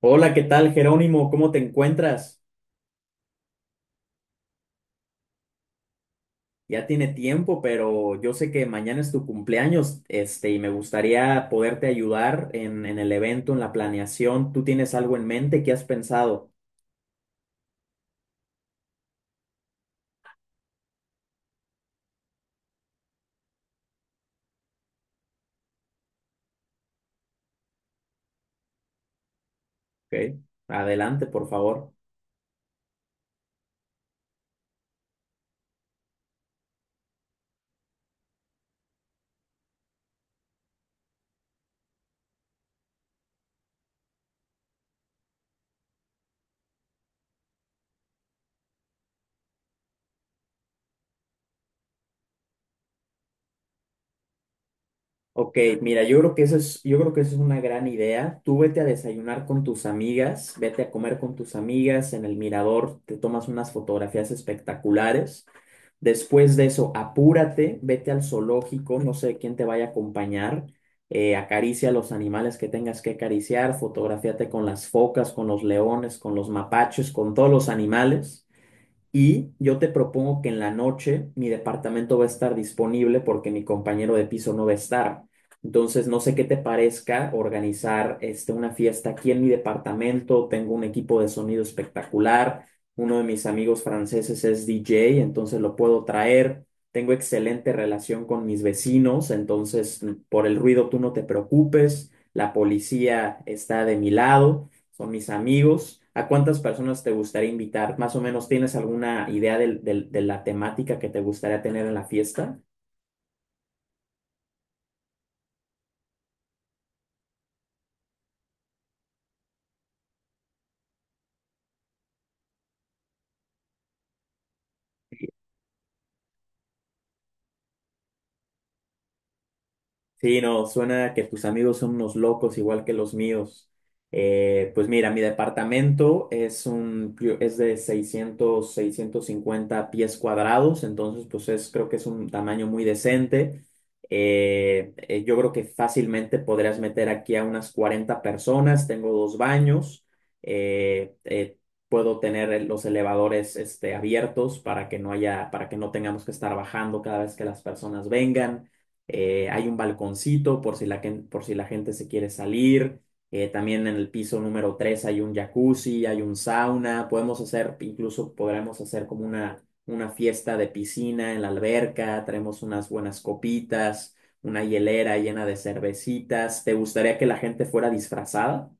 Hola, ¿qué tal, Jerónimo? ¿Cómo te encuentras? Ya tiene tiempo, pero yo sé que mañana es tu cumpleaños, y me gustaría poderte ayudar en el evento, en la planeación. ¿Tú tienes algo en mente? ¿Qué has pensado? Ok, adelante, por favor. Ok, mira, yo creo que eso es una gran idea. Tú vete a desayunar con tus amigas, vete a comer con tus amigas en el mirador, te tomas unas fotografías espectaculares. Después de eso, apúrate, vete al zoológico, no sé quién te vaya a acompañar, acaricia a los animales que tengas que acariciar, fotografíate con las focas, con los leones, con los mapaches, con todos los animales. Y yo te propongo que en la noche mi departamento va a estar disponible porque mi compañero de piso no va a estar. Entonces, no sé qué te parezca organizar una fiesta aquí en mi departamento. Tengo un equipo de sonido espectacular. Uno de mis amigos franceses es DJ, entonces lo puedo traer. Tengo excelente relación con mis vecinos, entonces por el ruido tú no te preocupes. La policía está de mi lado son mis amigos. ¿A cuántas personas te gustaría invitar? Más o menos, ¿tienes alguna idea de la temática que te gustaría tener en la fiesta? Sí, no, suena que tus amigos son unos locos igual que los míos. Pues mira, mi departamento es de seiscientos 650 pies cuadrados, entonces pues es, creo que es un tamaño muy decente. Yo creo que fácilmente podrías meter aquí a unas 40 personas, tengo dos baños, eh, eh, puedo tener los elevadores abiertos, para que no tengamos que estar bajando cada vez que las personas vengan. Hay un balconcito por si la gente se quiere salir. También en el piso número 3 hay un jacuzzi, hay un sauna. Incluso podremos hacer como una fiesta de piscina en la alberca. Traemos unas buenas copitas, una hielera llena de cervecitas. ¿Te gustaría que la gente fuera disfrazada?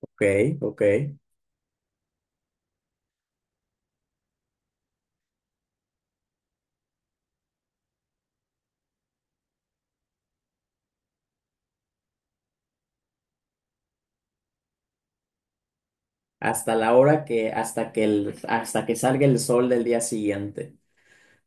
Ok, ok. Hasta la hora que, hasta que el, hasta que salga el sol del día siguiente.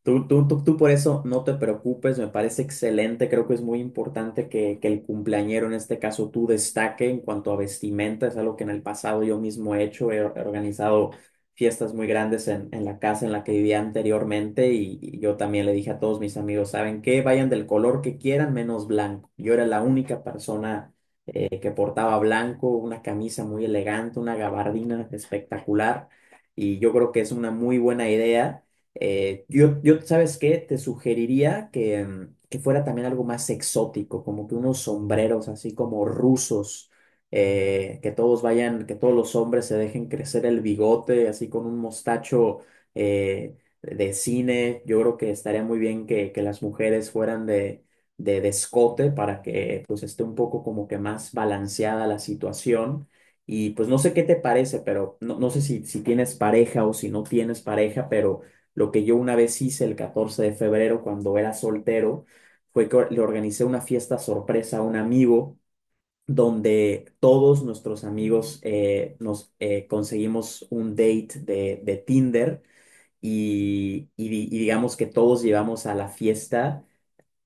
Tú por eso no te preocupes, me parece excelente, creo que es muy importante que el cumpleañero, en este caso tú, destaque en cuanto a vestimenta, es algo que en el pasado yo mismo he hecho, he organizado fiestas muy grandes en la casa en la que vivía anteriormente y yo también le dije a todos mis amigos, ¿saben qué? Vayan del color que quieran menos blanco. Yo era la única persona que portaba blanco, una camisa muy elegante, una gabardina espectacular y yo creo que es una muy buena idea. ¿Sabes qué? Te sugeriría que fuera también algo más exótico, como que unos sombreros así como rusos, que todos vayan, que todos los hombres se dejen crecer el bigote, así con un mostacho eh, de cine. Yo creo que estaría muy bien que las mujeres fueran de escote para que pues esté un poco como que más balanceada la situación. Y pues no sé qué te parece, pero no, no sé si tienes pareja o si no tienes pareja, pero. Lo que yo una vez hice el 14 de febrero cuando era soltero fue que le organicé una fiesta sorpresa a un amigo donde todos nuestros amigos nos conseguimos un date de Tinder y digamos que todos llevamos a la fiesta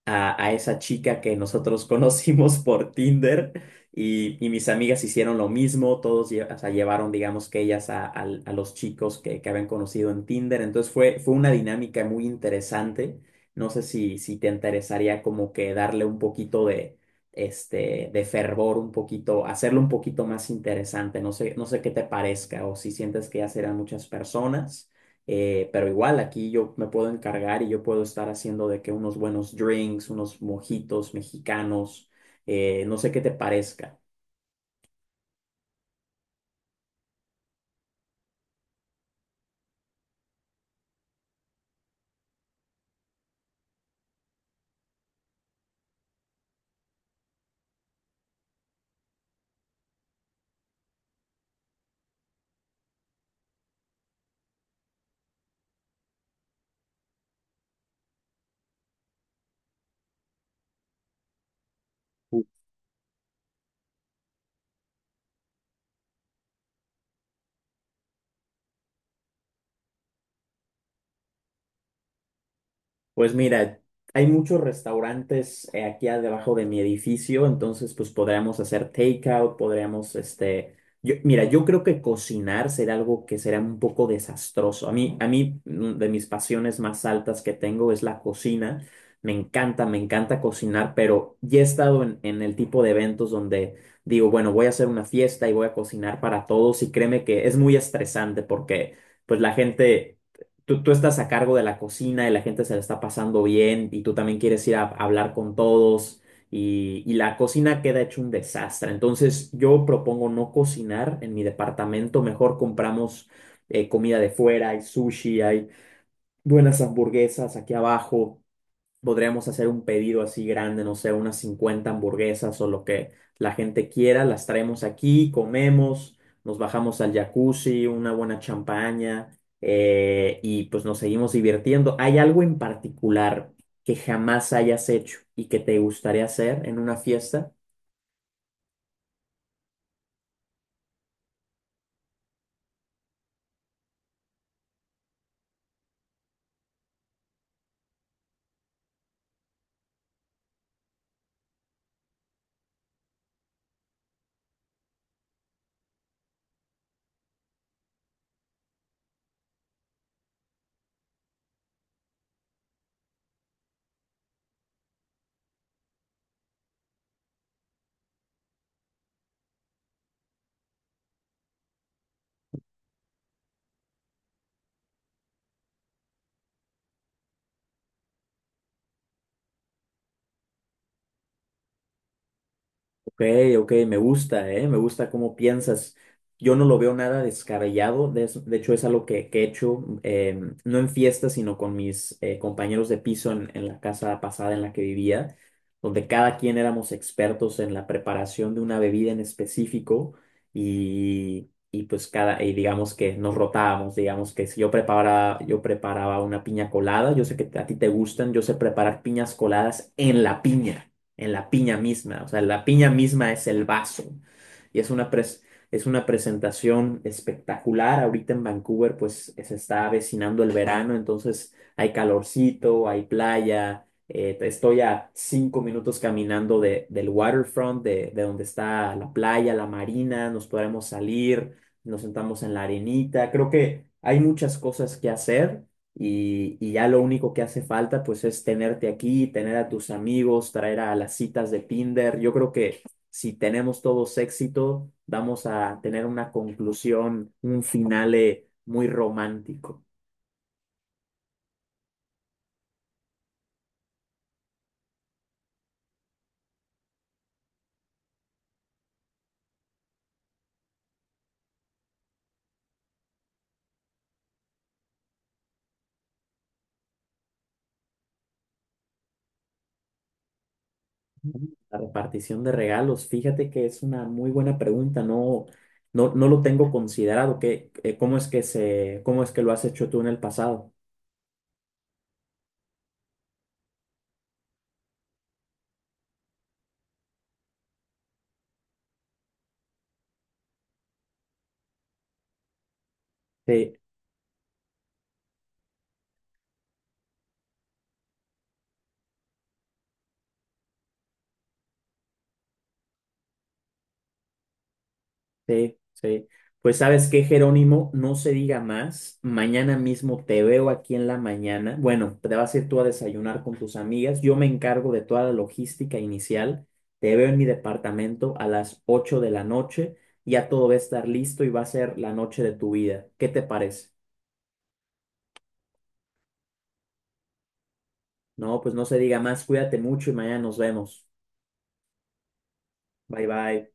a esa chica que nosotros conocimos por Tinder y mis amigas hicieron lo mismo, o sea, llevaron, digamos que ellas a los chicos que habían conocido en Tinder, entonces fue una dinámica muy interesante, no sé si te interesaría como que darle un poquito de fervor, un poquito, hacerlo un poquito más interesante, no sé, no sé qué te parezca o si sientes que ya serán muchas personas. Pero igual aquí yo me puedo encargar y yo puedo estar haciendo de que unos buenos drinks, unos mojitos mexicanos, no sé qué te parezca. Pues mira, hay muchos restaurantes aquí debajo de mi edificio, entonces pues podríamos hacer takeout, mira, yo creo que cocinar será algo que será un poco desastroso. A mí, de mis pasiones más altas que tengo es la cocina. Me encanta cocinar, pero ya he estado en el tipo de eventos donde digo, bueno, voy a hacer una fiesta y voy a cocinar para todos y créeme que es muy estresante porque pues la gente tú estás a cargo de la cocina y la gente se la está pasando bien y tú también quieres ir a, hablar con todos y la cocina queda hecho un desastre. Entonces yo propongo no cocinar en mi departamento, mejor compramos comida de fuera, hay sushi, hay buenas hamburguesas aquí abajo. Podríamos hacer un pedido así grande, no sé, unas 50 hamburguesas o lo que la gente quiera, las traemos aquí, comemos, nos bajamos al jacuzzi, una buena champaña y pues nos seguimos divirtiendo. ¿Hay algo en particular que jamás hayas hecho y que te gustaría hacer en una fiesta? Ok, ok, me gusta, ¿eh? Me gusta cómo piensas. Yo no lo veo nada descabellado, de hecho es algo que he hecho, no en fiestas, sino con mis compañeros de piso en la casa pasada en la que vivía, donde cada quien éramos expertos en la preparación de una bebida en específico y digamos que nos rotábamos, digamos que si yo preparaba, yo preparaba una piña colada, yo sé que a ti te gustan, yo sé preparar piñas coladas en la piña misma. O sea, la piña misma es el vaso. Y es una presentación espectacular. Ahorita en Vancouver, pues se está avecinando el verano, entonces hay calorcito, hay playa. Estoy a 5 minutos caminando del waterfront, de donde está la playa, la marina. Nos podremos salir, nos sentamos en la arenita. Creo que hay muchas cosas que hacer y ya lo único que hace falta pues es tenerte aquí, tener a tus amigos, traer a las citas de Tinder. Yo creo que si tenemos todos éxito, vamos a tener una conclusión, un finale muy romántico. La repartición de regalos, fíjate que es una muy buena pregunta, no, no, no lo tengo considerado. ¿Qué, cómo es que se, cómo es que lo has hecho tú en el pasado? Sí. Sí, sí. Pues sabes qué, Jerónimo, no se diga más. Mañana mismo te veo aquí en la mañana. Bueno, te vas a ir tú a desayunar con tus amigas. Yo me encargo de toda la logística inicial. Te veo en mi departamento a las 8 de la noche. Ya todo va a estar listo y va a ser la noche de tu vida. ¿Qué te parece? No, pues no se diga más. Cuídate mucho y mañana nos vemos. Bye bye.